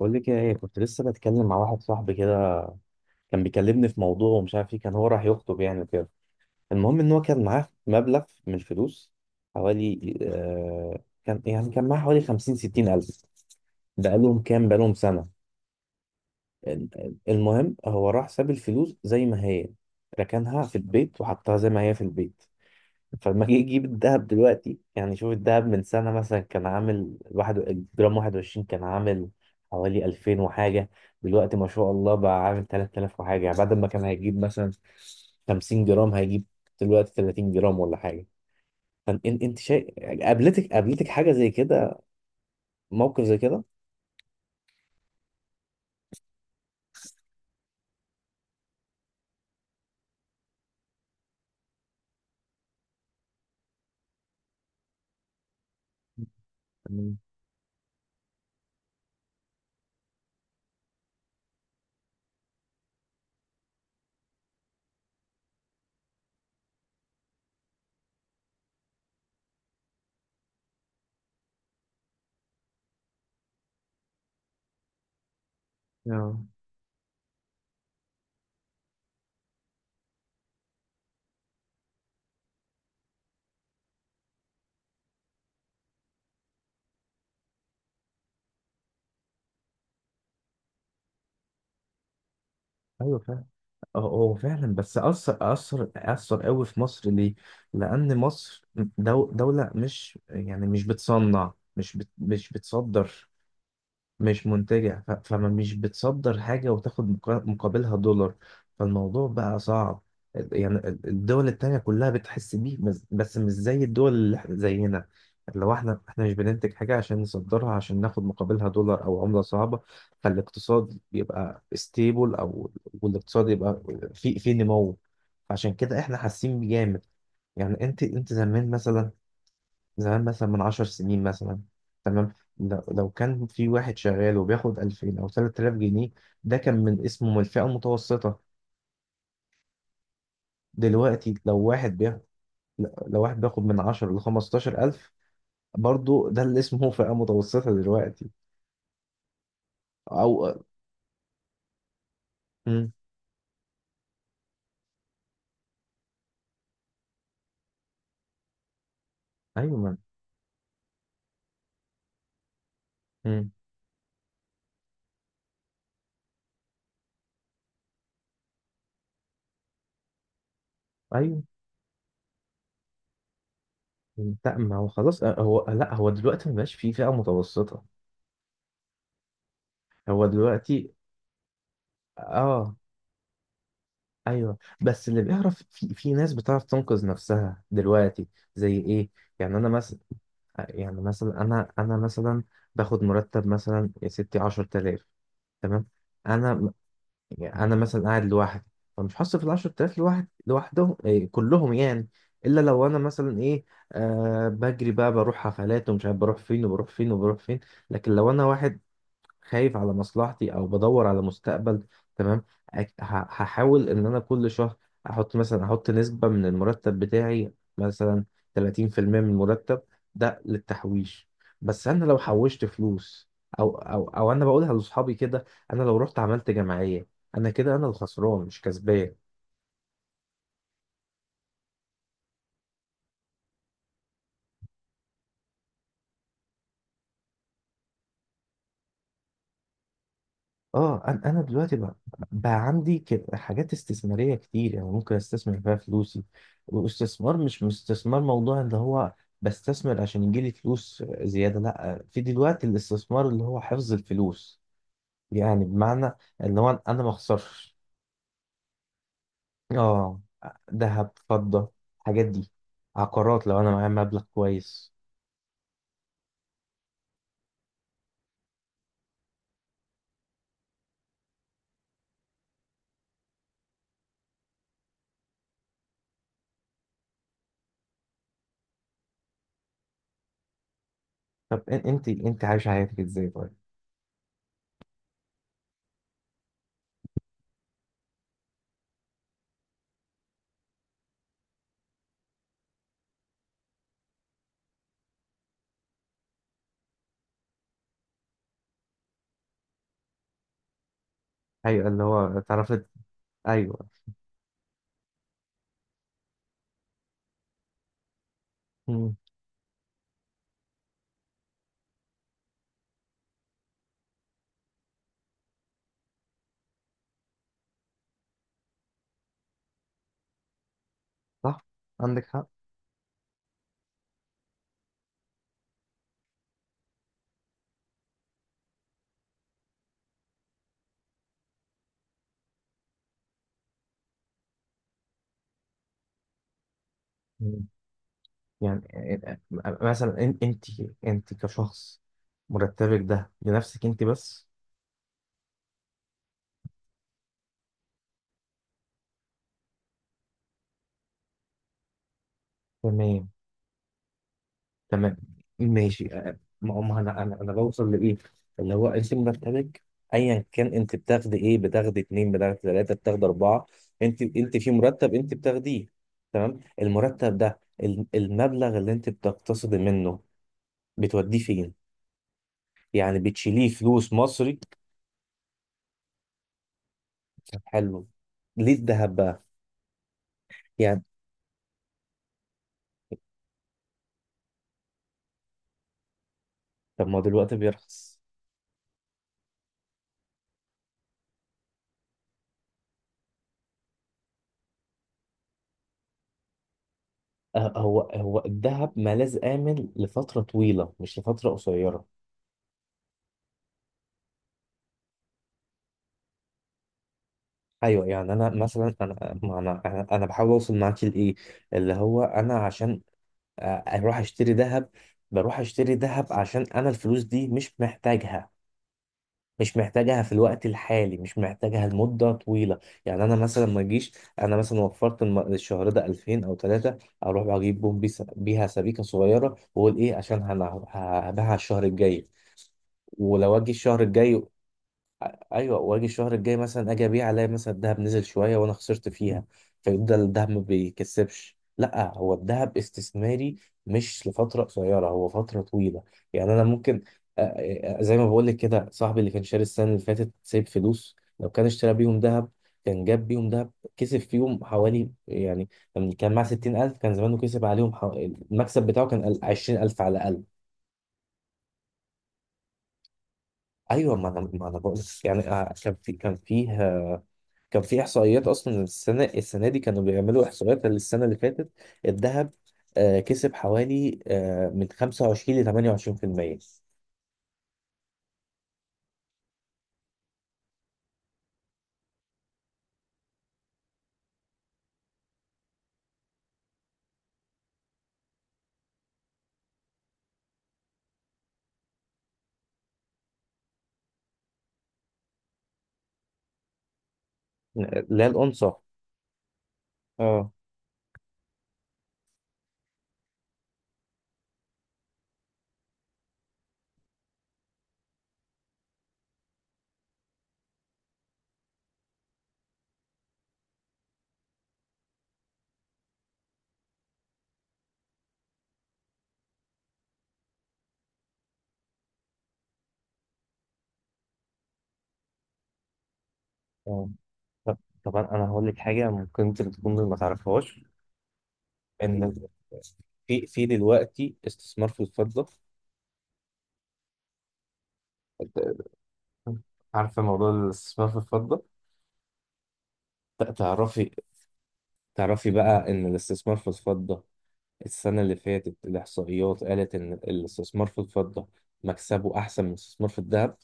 بقول لك ايه، كنت لسه بتكلم مع واحد صاحبي كده. كان بيكلمني في موضوع، ومش عارف ايه، كان هو راح يخطب يعني وكده. المهم ان هو كان معاه مبلغ من الفلوس. حوالي كان معاه حوالي 50 60 الف. بقالهم سنة. المهم هو راح ساب الفلوس زي ما هي، ركنها في البيت وحطها زي ما هي في البيت. فلما جه يجيب الذهب دلوقتي، يعني شوف الذهب من سنة مثلا، كان عامل واحد الجرام 21، كان عامل حوالي 2000 وحاجة. دلوقتي ما شاء الله بقى عامل 3000 وحاجة، يعني بعد ما كان هيجيب مثلا 50 جرام، هيجيب دلوقتي 30 جرام ولا حاجة. فانت شايف؟ قابلتك حاجة زي كده؟ موقف زي كده؟ يعني- آه. ايوه، اه هو فعلا، بس أثر قوي في مصر ليه؟ لأن مصر دولة مش بتصنع، مش بتصدر. مش منتجع، فما مش بتصدر حاجة وتاخد مقابلها دولار. فالموضوع بقى صعب. الدول التانية كلها بتحس بيه، بس مش زي الدول زينا. لو احنا مش بننتج حاجة عشان نصدرها، عشان ناخد مقابلها دولار او عملة صعبة. فالاقتصاد يبقى ستيبل، او والاقتصاد يبقى في نمو. عشان كده احنا حاسين بجامد. يعني انت زمان مثلا، زمان مثلا من 10 سنين مثلا. تمام. لو كان في واحد شغال وبياخد 2000 أو 3000 جنيه، ده كان من اسمه من الفئة المتوسطة. دلوقتي لو واحد بياخد من 10 ل 15000، برضه ده اللي اسمه فئة متوسطة دلوقتي. أو مم. أيوة مم. أيوه، لا ما هو خلاص، هو، لا هو دلوقتي ما بقاش في فئة متوسطة. هو دلوقتي. اه ايوه، بس اللي بيعرف، في ناس بتعرف تنقذ نفسها دلوقتي. زي ايه؟ يعني انا مثلا يعني مثلا انا انا مثلا باخد مرتب مثلا يا ستي 10000. تمام. انا انا مثلا قاعد لوحدي. فمش هصرف ال 10000 لوحدهم إيه كلهم يعني. الا لو انا مثلا ايه، بجري بقى، بروح حفلات ومش عارف بروح فين وبروح فين وبروح فين. لكن لو انا واحد خايف على مصلحتي، او بدور على مستقبل. تمام. هحاول ان انا كل شهر احط نسبة من المرتب بتاعي. مثلا 30% من المرتب، ده للتحويش. بس انا لو حوشت فلوس، او انا بقولها لاصحابي كده، انا لو رحت عملت جمعية، انا كده انا الخسران مش كسبان. اه، انا دلوقتي بقى، بقى عندي حاجات استثماريه كتير، يعني ممكن استثمر فيها فلوسي. واستثمار مش استثمار موضوع اللي هو بستثمر عشان يجيلي فلوس زياده. لا، في دلوقتي الاستثمار اللي هو حفظ الفلوس. يعني بمعنى، اللي هو انا ما اخسرش. اه، ذهب، فضه، الحاجات دي، عقارات لو انا معايا مبلغ كويس. طب انت عايش حياتك ازاي طيب؟ ايوه، اللي هو اتعرفت. ايوه. مم. صح. عندك حق يعني. آه، مثلا انت كشخص، مرتبك ده لنفسك انت بس. تمام، تمام، ماشي. ما انا بوصل لايه؟ اللي هو انت مرتبك، ايا كان انت بتاخدي ايه، بتاخدي اتنين، بتاخدي تلاته، بتاخدي اربعه. انت في مرتب انت بتاخديه. تمام. المرتب ده، المبلغ اللي انت بتقتصدي منه، بتوديه فين؟ يعني بتشيليه فلوس مصري؟ طب حلو، ليه الذهب بقى؟ يعني، طب ما هو دلوقتي بيرخص. هو الذهب ملاذ آمن لفترة طويلة، مش لفترة قصيرة. أيوة، يعني أنا مثلا، أنا ما أنا بحاول أوصل معاك لإيه؟ اللي هو أنا عشان أروح أشتري ذهب، بروح أشتري ذهب عشان أنا الفلوس دي مش محتاجها. مش محتاجها في الوقت الحالي، مش محتاجها لمدة طويلة. يعني أنا مثلا ما أجيش، أنا مثلا وفرت الشهر ده 2000 أو 3، أروح أجيب بوم بيها سبيكة صغيرة، وأقول إيه، عشان هبيعها الشهر الجاي. ولو اجي الشهر الجاي، ايوه، واجي الشهر الجاي مثلا، اجي ابيع الاقي مثلا الذهب نزل شويه وانا خسرت فيها. فيفضل الذهب ما بيكسبش، لا هو الذهب استثماري، مش لفتره قصيره، هو فتره طويله. يعني انا ممكن، آه، زي ما بقول لك كده، صاحبي اللي كان شاري السنه اللي فاتت سايب فلوس، لو كان اشترى بيهم ذهب، كان جاب بيهم ذهب، كسب فيهم حوالي يعني. لما كان معاه 60000، كان زمانه كسب عليهم المكسب بتاعه كان 20000 على الاقل. ايوه، ما انا بقول يعني، كان في احصائيات اصلا. السنه دي كانوا بيعملوا احصائيات للسنه اللي فاتت. الذهب كسب حوالي من 25 ل 28%. لا، الأونصة. اه آه. طب طب انا هقول لك حاجه ممكن انت تكون ما تعرفهاش، ان في دلوقتي استثمار في الفضة. عارفه موضوع الاستثمار في الفضه. ت- تعرفي تعرفي بقى إن الاستثمار في الفضة، السنة اللي فاتت الإحصائيات قالت إن الاستثمار في الفضة مكسبه أحسن من الاستثمار في الذهب.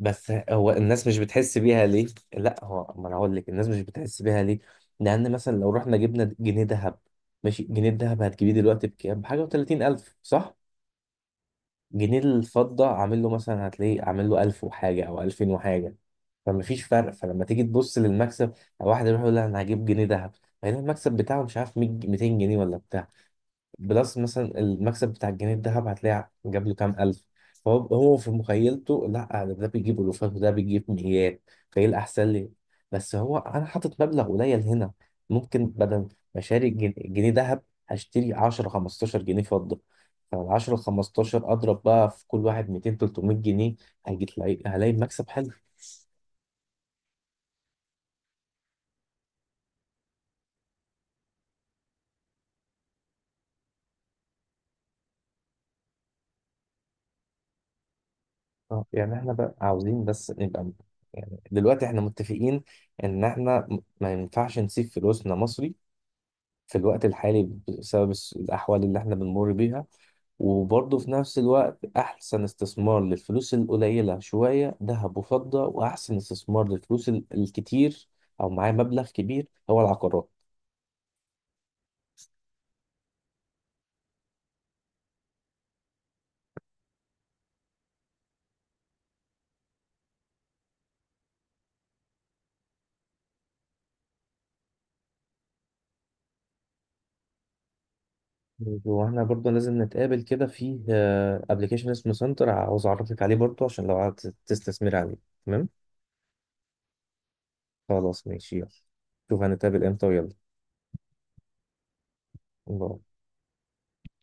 بس هو الناس مش بتحس بيها ليه؟ لا، هو ما أنا هقول لك الناس مش بتحس بيها ليه. لأن مثلا لو رحنا جبنا جنيه ذهب، ماشي، جنيه الذهب هتجيبيه دلوقتي بكام؟ بحاجة وتلاتين ألف صح؟ جنيه الفضة عامل له مثلا، هتلاقيه عامل له 1000 وحاجة أو 2000 وحاجة. فمفيش فرق. فلما تيجي تبص للمكسب، واحد يروح يقول لها أنا هجيب جنيه ذهب، هيلاقي المكسب بتاعه مش عارف 100 200 جنيه ولا بتاع. بلس مثلا المكسب بتاع الجنيه الذهب، هتلاقي جاب له كام ألف. فهو في مخيلته لا أنا ده بيجيب ألوفات وده بيجيب مئات. فإيه الأحسن لي؟ بس هو أنا حاطط مبلغ قليل هنا، ممكن بدل ما أشتري جنيه ذهب، هشتري 10 15 جنيه فضة. فال 10 15 أضرب بقى في كل واحد 200 300 جنيه، هيجي هلاقي مكسب حلو. يعني احنا بقى عاوزين بس نبقى، يعني دلوقتي احنا متفقين ان احنا ما ينفعش نسيب فلوسنا مصري في الوقت الحالي بسبب الأحوال اللي احنا بنمر بيها. وبرضه في نفس الوقت أحسن استثمار للفلوس القليلة شوية ذهب وفضة، وأحسن استثمار للفلوس الكتير أو معايا مبلغ كبير هو العقارات. واحنا برضه لازم نتقابل كده في ابلكيشن اسمه سنتر، عاوز أعرفك عليه برضه عشان لو عايز تستثمر عليه. تمام، خلاص ماشي، يلا، شوف هنتقابل امتى ويلا. باي.